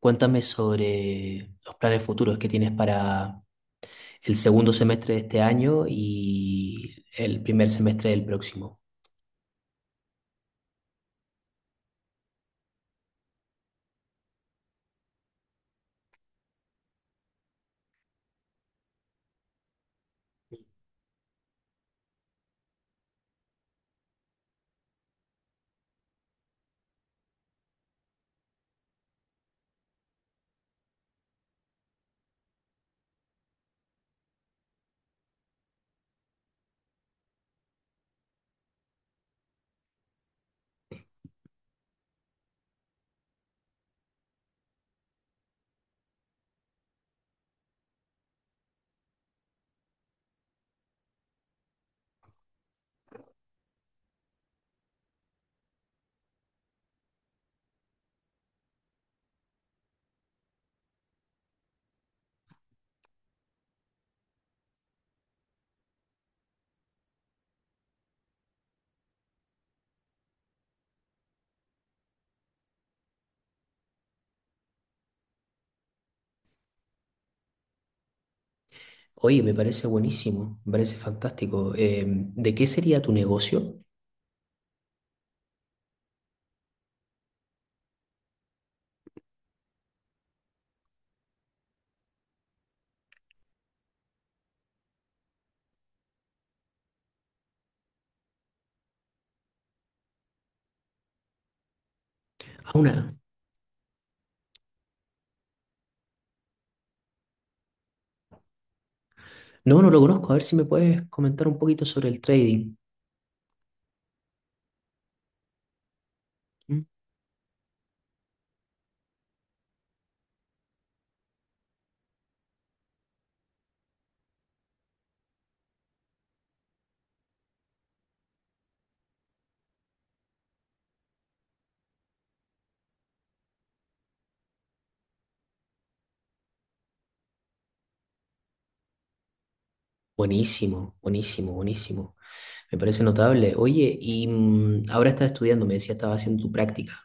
Cuéntame sobre los planes futuros que tienes para el segundo semestre de este año y el primer semestre del próximo. Oye, me parece buenísimo, me parece fantástico. ¿De qué sería tu negocio? Ah, una. No, no lo conozco. A ver si me puedes comentar un poquito sobre el trading. Mm. Buenísimo, buenísimo, buenísimo. Me parece notable. Oye, y mm, ahora estás estudiando, me decía, estaba haciendo tu práctica.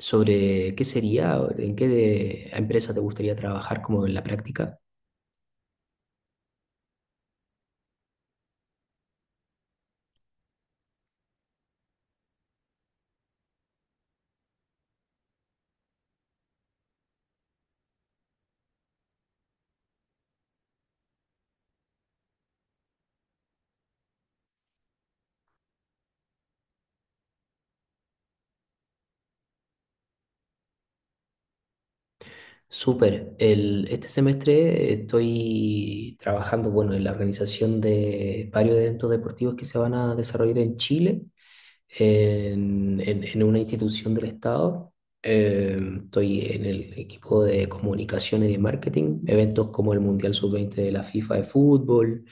¿Sobre qué sería, en qué empresa te gustaría trabajar como en la práctica? Súper. Este semestre estoy trabajando, bueno, en la organización de varios eventos deportivos que se van a desarrollar en Chile, en una institución del Estado. Eh, Estoy en el equipo de comunicaciones y de marketing, eventos como el Mundial Sub-20 de la FIFA de fútbol,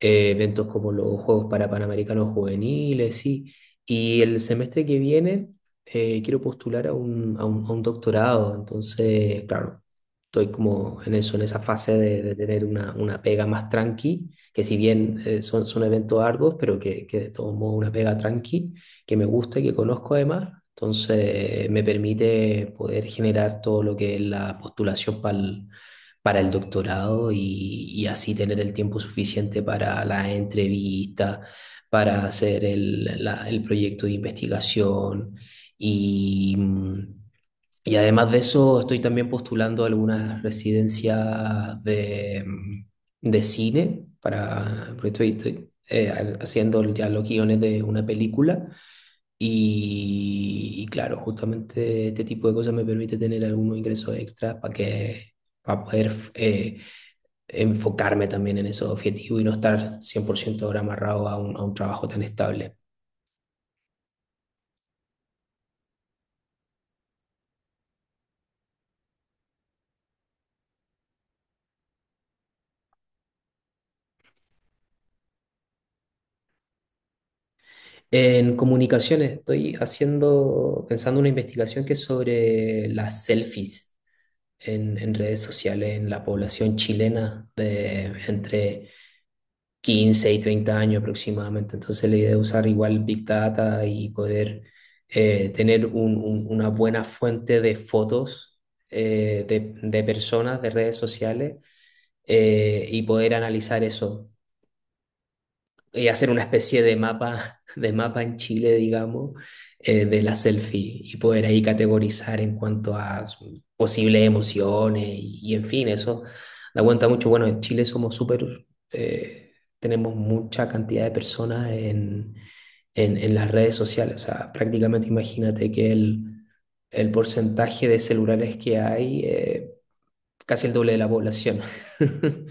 eventos como los Juegos para Panamericanos Juveniles, sí. Y el semestre que viene quiero postular a a un doctorado, entonces, claro, estoy como en eso, en esa fase de tener una pega más tranqui, que si bien son eventos arduos, pero que de todos modos una pega tranqui, que me gusta y que conozco además. Entonces me permite poder generar todo lo que es la postulación para el doctorado y así tener el tiempo suficiente para la entrevista, para hacer el proyecto de investigación y... mm, y además de eso, estoy también postulando algunas residencias de, mm, de cine para, porque estoy, haciendo ya los guiones de una película. Y claro, justamente este tipo de cosas me permite tener algunos ingresos extras para para poder enfocarme también en esos objetivos y no estar 100% ahora amarrado a a un trabajo tan estable. En comunicaciones estoy haciendo, pensando una investigación que es sobre las selfies en redes sociales en la población chilena de entre 15 y 30 años aproximadamente. Entonces la idea es usar igual Big Data y poder tener una buena fuente de fotos, de personas, de redes sociales, y poder analizar eso y hacer una especie de mapa en Chile, digamos, de la selfie y poder ahí categorizar en cuanto a posibles emociones y en fin, eso da cuenta mucho. Bueno, en Chile somos súper, eh, tenemos mucha cantidad de personas en, en las redes sociales, o sea, prácticamente imagínate que el porcentaje de celulares que hay, casi el doble de la población.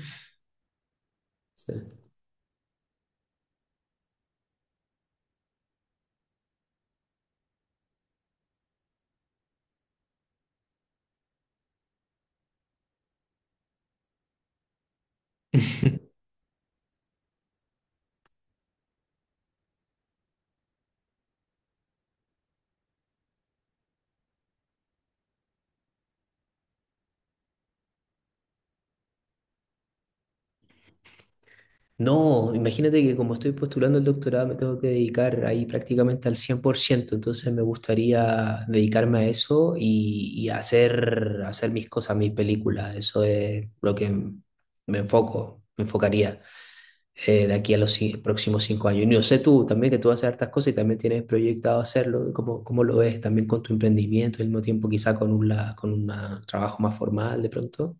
Sí. No, imagínate que como estoy postulando el doctorado me tengo que dedicar ahí prácticamente al 100%. Entonces me gustaría dedicarme a eso y hacer mis cosas, mis películas, eso es lo que me enfoco, me enfocaría de aquí a los próximos 5 años. Y yo sé tú también que tú haces hartas cosas y también tienes proyectado hacerlo. ¿Cómo, cómo lo ves también con tu emprendimiento y al mismo tiempo quizá con con un trabajo más formal de pronto?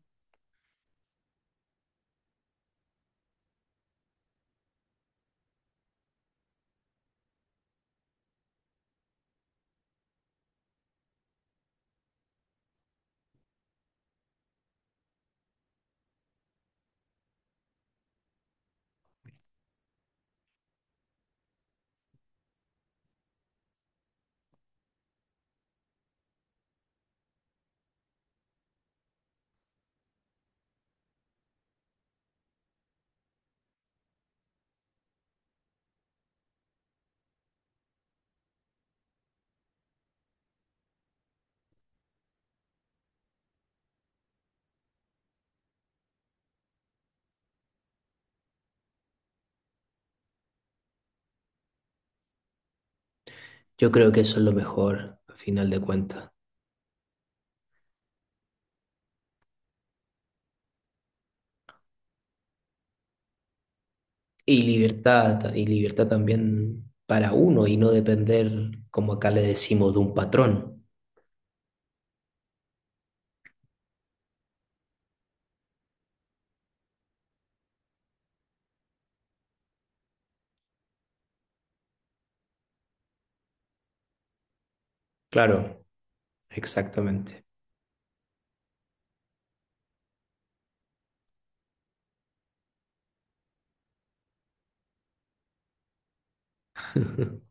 Yo creo que eso es lo mejor, a final de cuentas. Y libertad también para uno y no depender, como acá le decimos, de un patrón. Claro, exactamente.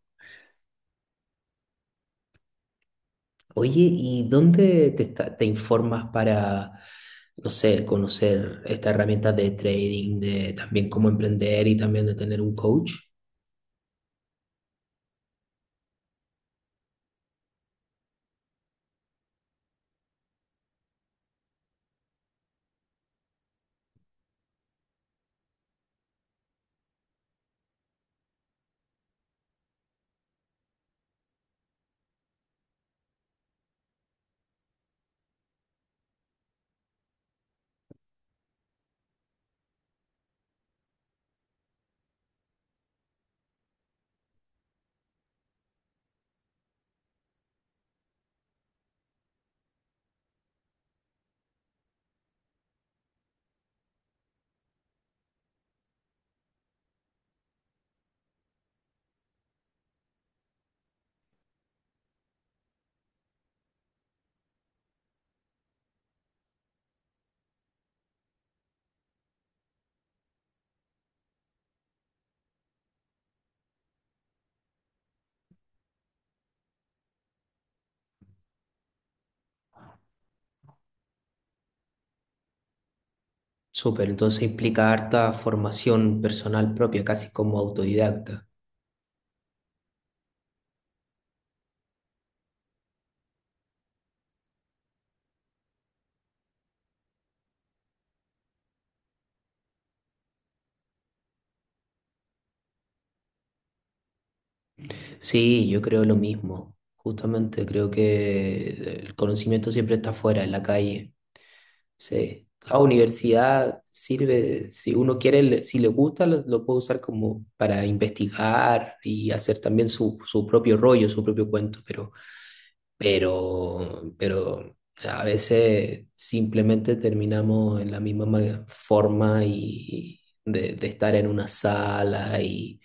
Oye, ¿y dónde te, te informas para, no sé, conocer estas herramientas de trading, de también cómo emprender y también de tener un coach? Súper, entonces implica harta formación personal propia, casi como autodidacta. Sí, yo creo lo mismo. Justamente creo que el conocimiento siempre está fuera, en la calle. Sí. La universidad sirve, si uno quiere, si le gusta, lo puede usar como para investigar y hacer también su propio rollo, su propio cuento, pero, pero a veces simplemente terminamos en la misma forma y de estar en una sala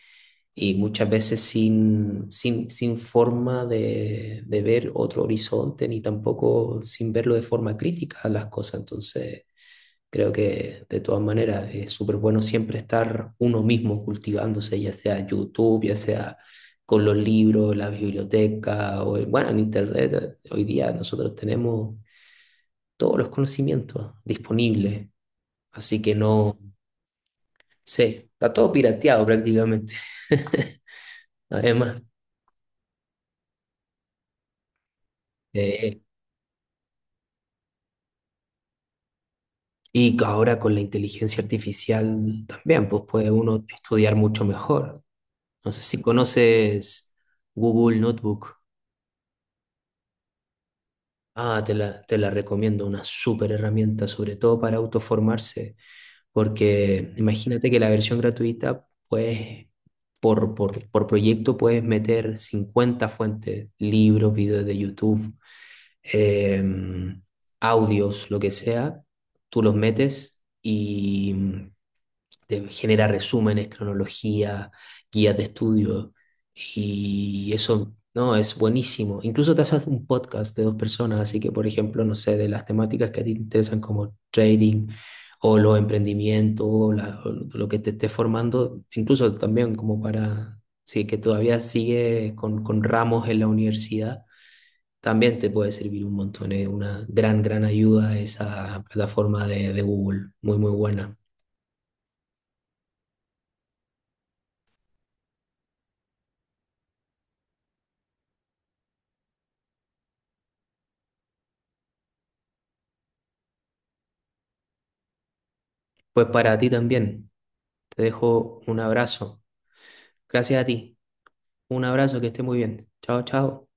y muchas veces sin forma de ver otro horizonte ni tampoco sin verlo de forma crítica a las cosas. Entonces... Creo que de todas maneras es súper bueno siempre estar uno mismo cultivándose, ya sea YouTube, ya sea con los libros, la biblioteca, o bueno, en Internet. Hoy día nosotros tenemos todos los conocimientos disponibles, así que no sé, está todo pirateado prácticamente. Además, eh, y que ahora con la inteligencia artificial también, pues puede uno estudiar mucho mejor. No sé si conoces Google Notebook. Ah, te la recomiendo, una súper herramienta, sobre todo para autoformarse, porque imagínate que la versión gratuita, pues por proyecto puedes meter 50 fuentes, libros, videos de YouTube, eh, audios, lo que sea, tú los metes y te genera resúmenes, cronología, guías de estudio y eso, no, es buenísimo. Incluso te haces un podcast de dos personas, así que, por ejemplo, no sé, de las temáticas que a ti te interesan como trading o los emprendimientos, o lo que te esté formando, incluso también como para, sí, que todavía sigue con ramos en la universidad. También te puede servir un montón, es una gran ayuda esa plataforma de Google, muy, muy buena. Pues para ti también. Te dejo un abrazo. Gracias a ti. Un abrazo, que esté muy bien. Chao, chao.